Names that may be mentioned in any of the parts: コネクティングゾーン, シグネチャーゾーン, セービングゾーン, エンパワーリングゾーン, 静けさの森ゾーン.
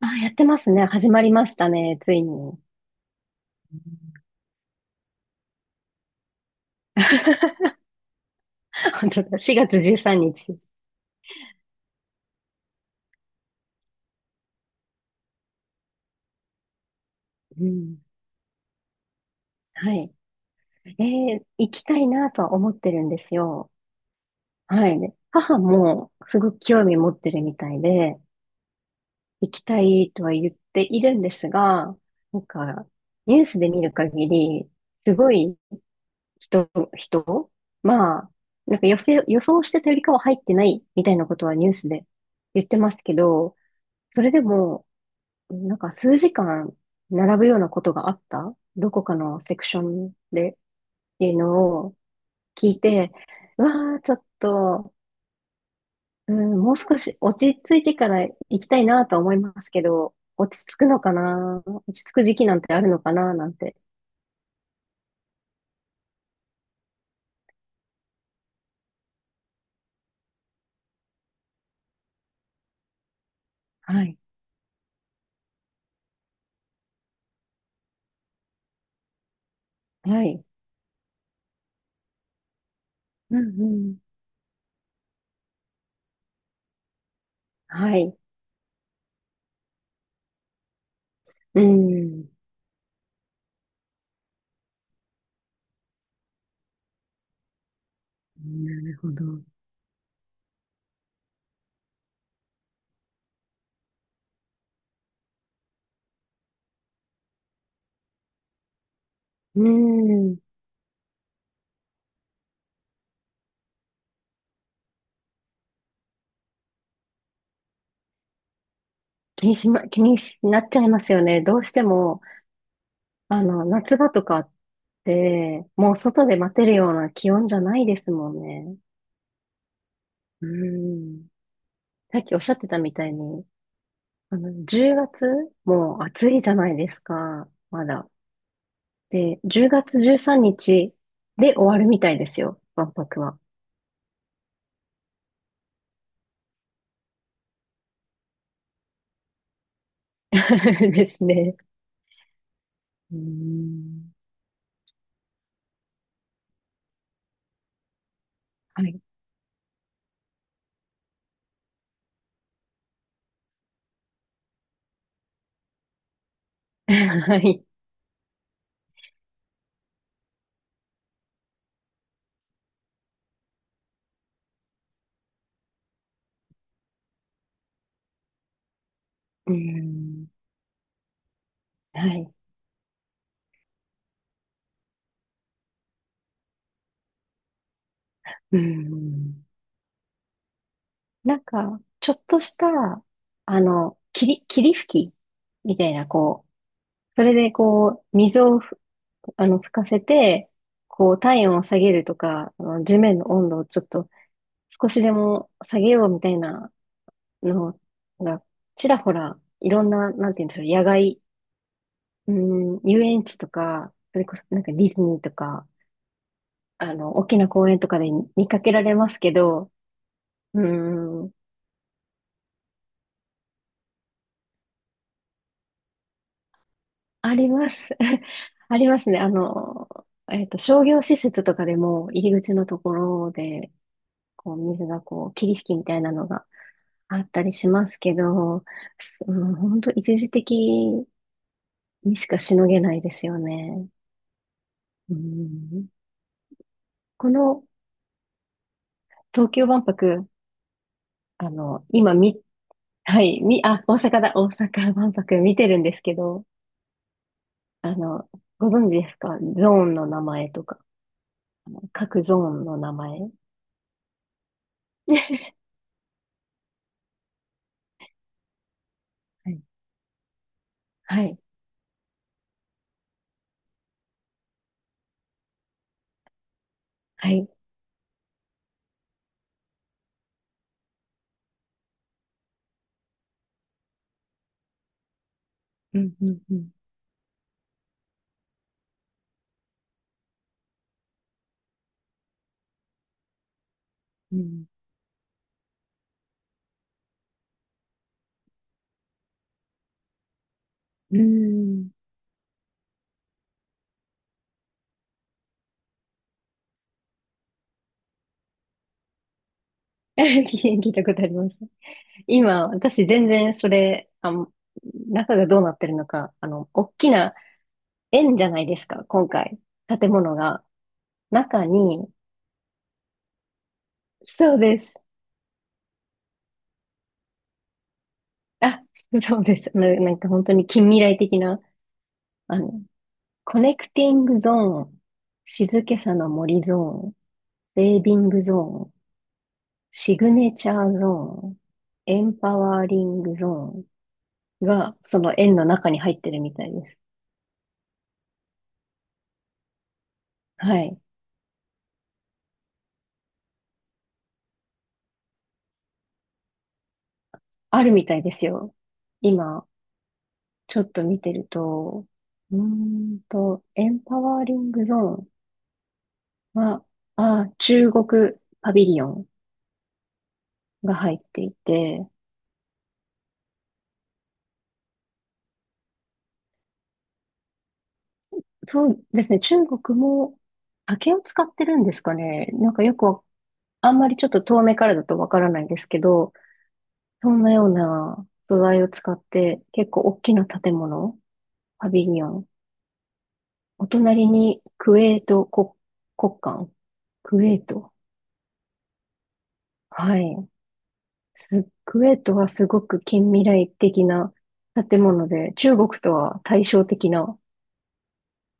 あ、やってますね。始まりましたね。ついに。本当だ。4月13日。うん。はい。行きたいなとは思ってるんですよ。はい。で、母もすごく興味持ってるみたいで、行きたいとは言っているんですが、なんか、ニュースで見る限り、すごい人、まあ、なんか予想してたよりかは入ってないみたいなことはニュースで言ってますけど、それでも、なんか数時間並ぶようなことがあったどこかのセクションでっていうのを聞いて、うわあ、ちょっと、うん、もう少し落ち着いてから行きたいなとは思いますけど、落ち着くのかな、落ち着く時期なんてあるのかななんて。はい。はい。うん、うん。はい。うん。なるほど。うん。気になっちゃいますよね。どうしても、あの、夏場とかで、もう外で待てるような気温じゃないですもんね。うん。さっきおっしゃってたみたいに、あの、10月もう暑いじゃないですか、まだ。で、10月13日で終わるみたいですよ、万博は。ですね。うーん。はい。はい。うーん。はい。うーん。なんか、ちょっとした、あの、霧吹きみたいな、こう、それでこう、水をあの、吹かせて、こう、体温を下げるとか、あの、地面の温度をちょっと少しでも下げようみたいなのが、ちらほら、いろんな、なんて言うんでしょう、野外、うん、遊園地とか、それこそなんかディズニーとか、あの、大きな公園とかで見かけられますけど、うん、あります。ありますね。あの、えっと、商業施設とかでも入り口のところで、こう、水がこう、霧吹きみたいなのが、あったりしますけど、うん、本当一時的にしかしのげないですよね。うん、この東京万博、あの、今み、はい、み、あ、大阪だ、大阪万博見てるんですけど、あの、ご存知ですか、ゾーンの名前とか、各ゾーンの名前。はい、はい、はい。うん、うん、うん、うん。うん。 聞いたことあります。今、私全然それ、あの、中がどうなってるのか、あの、大きな円じゃないですか、今回。建物が。中に、そうです。あ、そうです。な、なんか本当に近未来的な、あの、コネクティングゾーン、静けさの森ゾーン、セービングゾーン、シグネチャーゾーン、エンパワーリングゾーンが、その円の中に入ってるみたいです。はい。あるみたいですよ。今、ちょっと見てると、うーんと、エンパワーリングゾーンは、あ、中国パビリオンが入っていて、そうですね、中国も竹を使ってるんですかね。なんかよくわ、あんまりちょっと遠目からだとわからないんですけど、そんなような素材を使って結構大きな建物、パビリオン、お隣にクウェート国、国館、クウェート。はい。スクエットはすごく近未来的な建物で、中国とは対照的な。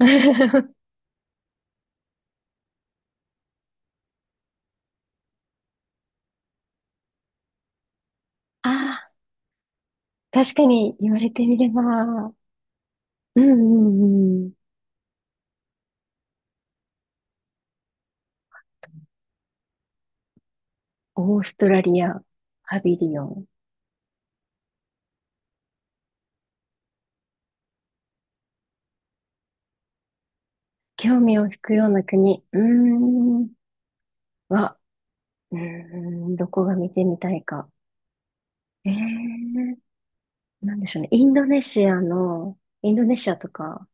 ああ、確かに言われてみれば。うん、うん、うん。オーストラリア、パビリオン。興味を引くような国。うーん。は、うーん、どこが見てみたいか。ええ、なんでしょうね。インドネシアの、インドネシアとか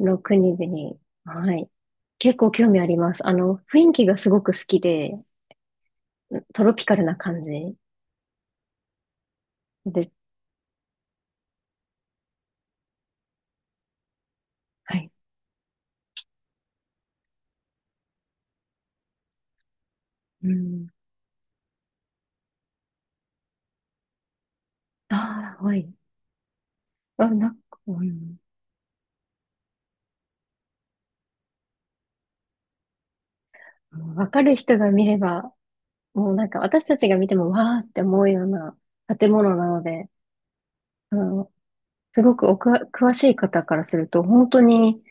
の国々。はい。結構興味あります。あの、雰囲気がすごく好きで、トロピカルな感じで、はい。うん。ああ、はい。あ、なんか、うん、もうわかる人が見れば、もうなんか私たちが見てもわーって思うような建物なので、あの、すごくおくわ詳しい方からすると、本当に、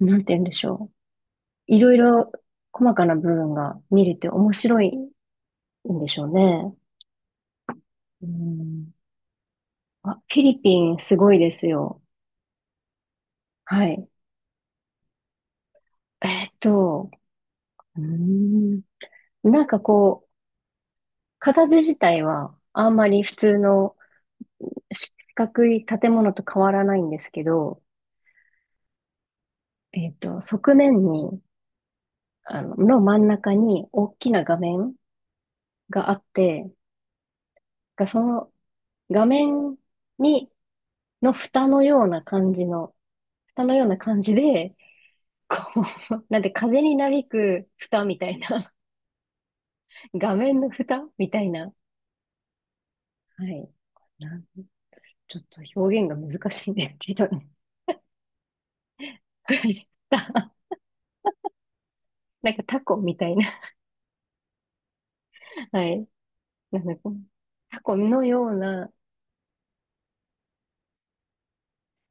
なんて言うんでしょう。いろいろ細かな部分が見れて面白いんでしょうね。うん。あ、フィリピンすごいですよ。はい。えーっと、うーん。なんかこう、形自体はあんまり普通の四角い建物と変わらないんですけど、えっと、側面に、あの、の真ん中に大きな画面があって、がその画面に、の蓋のような感じの、蓋のような感じで、こう、なんで風になびく蓋みたいな、画面の蓋みたいな、はい。なん、ちょっと表現が難しいんですけどね、なんかタコみたいな、はい。なんだこのタコのような、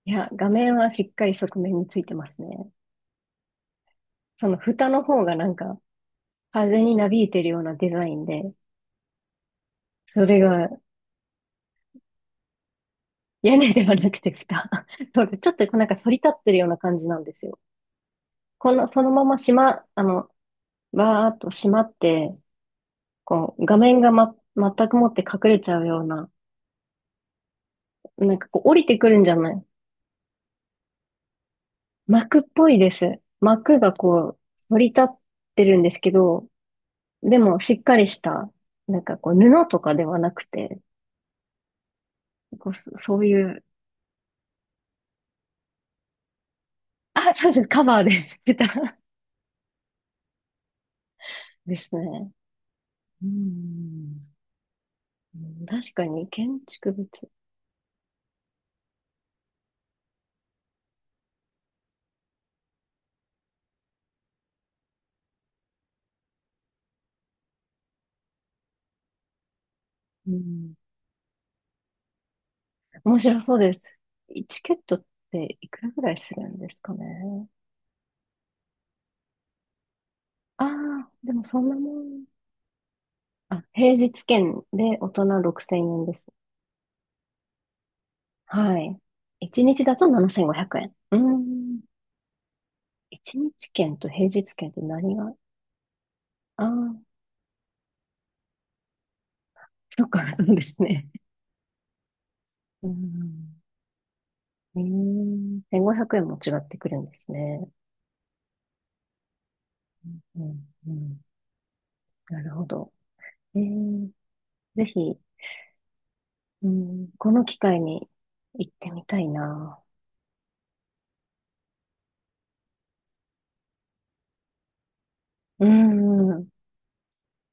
いや、画面はしっかり側面についてますね。その蓋の方がなんか、風になびいてるようなデザインで、それが屋根ではなくて蓋。そうか、ちょっとなんか反り立ってるような感じなんですよ。この、そのまましま、あの、バーっと閉まって、こう、画面がま、全くもって隠れちゃうような、なんかこう降りてくるんじゃない、幕っぽいです。幕がこう、反り立ってるんですけど、でも、しっかりした、なんかこう、布とかではなくて、こう、そそういう、あ、そうです、カバーです。ベタですね。うん。確かに、建築物。うん。面白そうです。チケットっていくらぐらいするんですかね。ああ、でもそんなもん。あ、平日券で大人6000円です。はい。1日だと7500円。うーん。1日券と平日券って何が、ああー、そっか、そうですね。うん。うん。1500円も違ってくるんですね。うん。うん。なるほど。えー、ぜひ、うん、この機会に行ってみたいな。うん。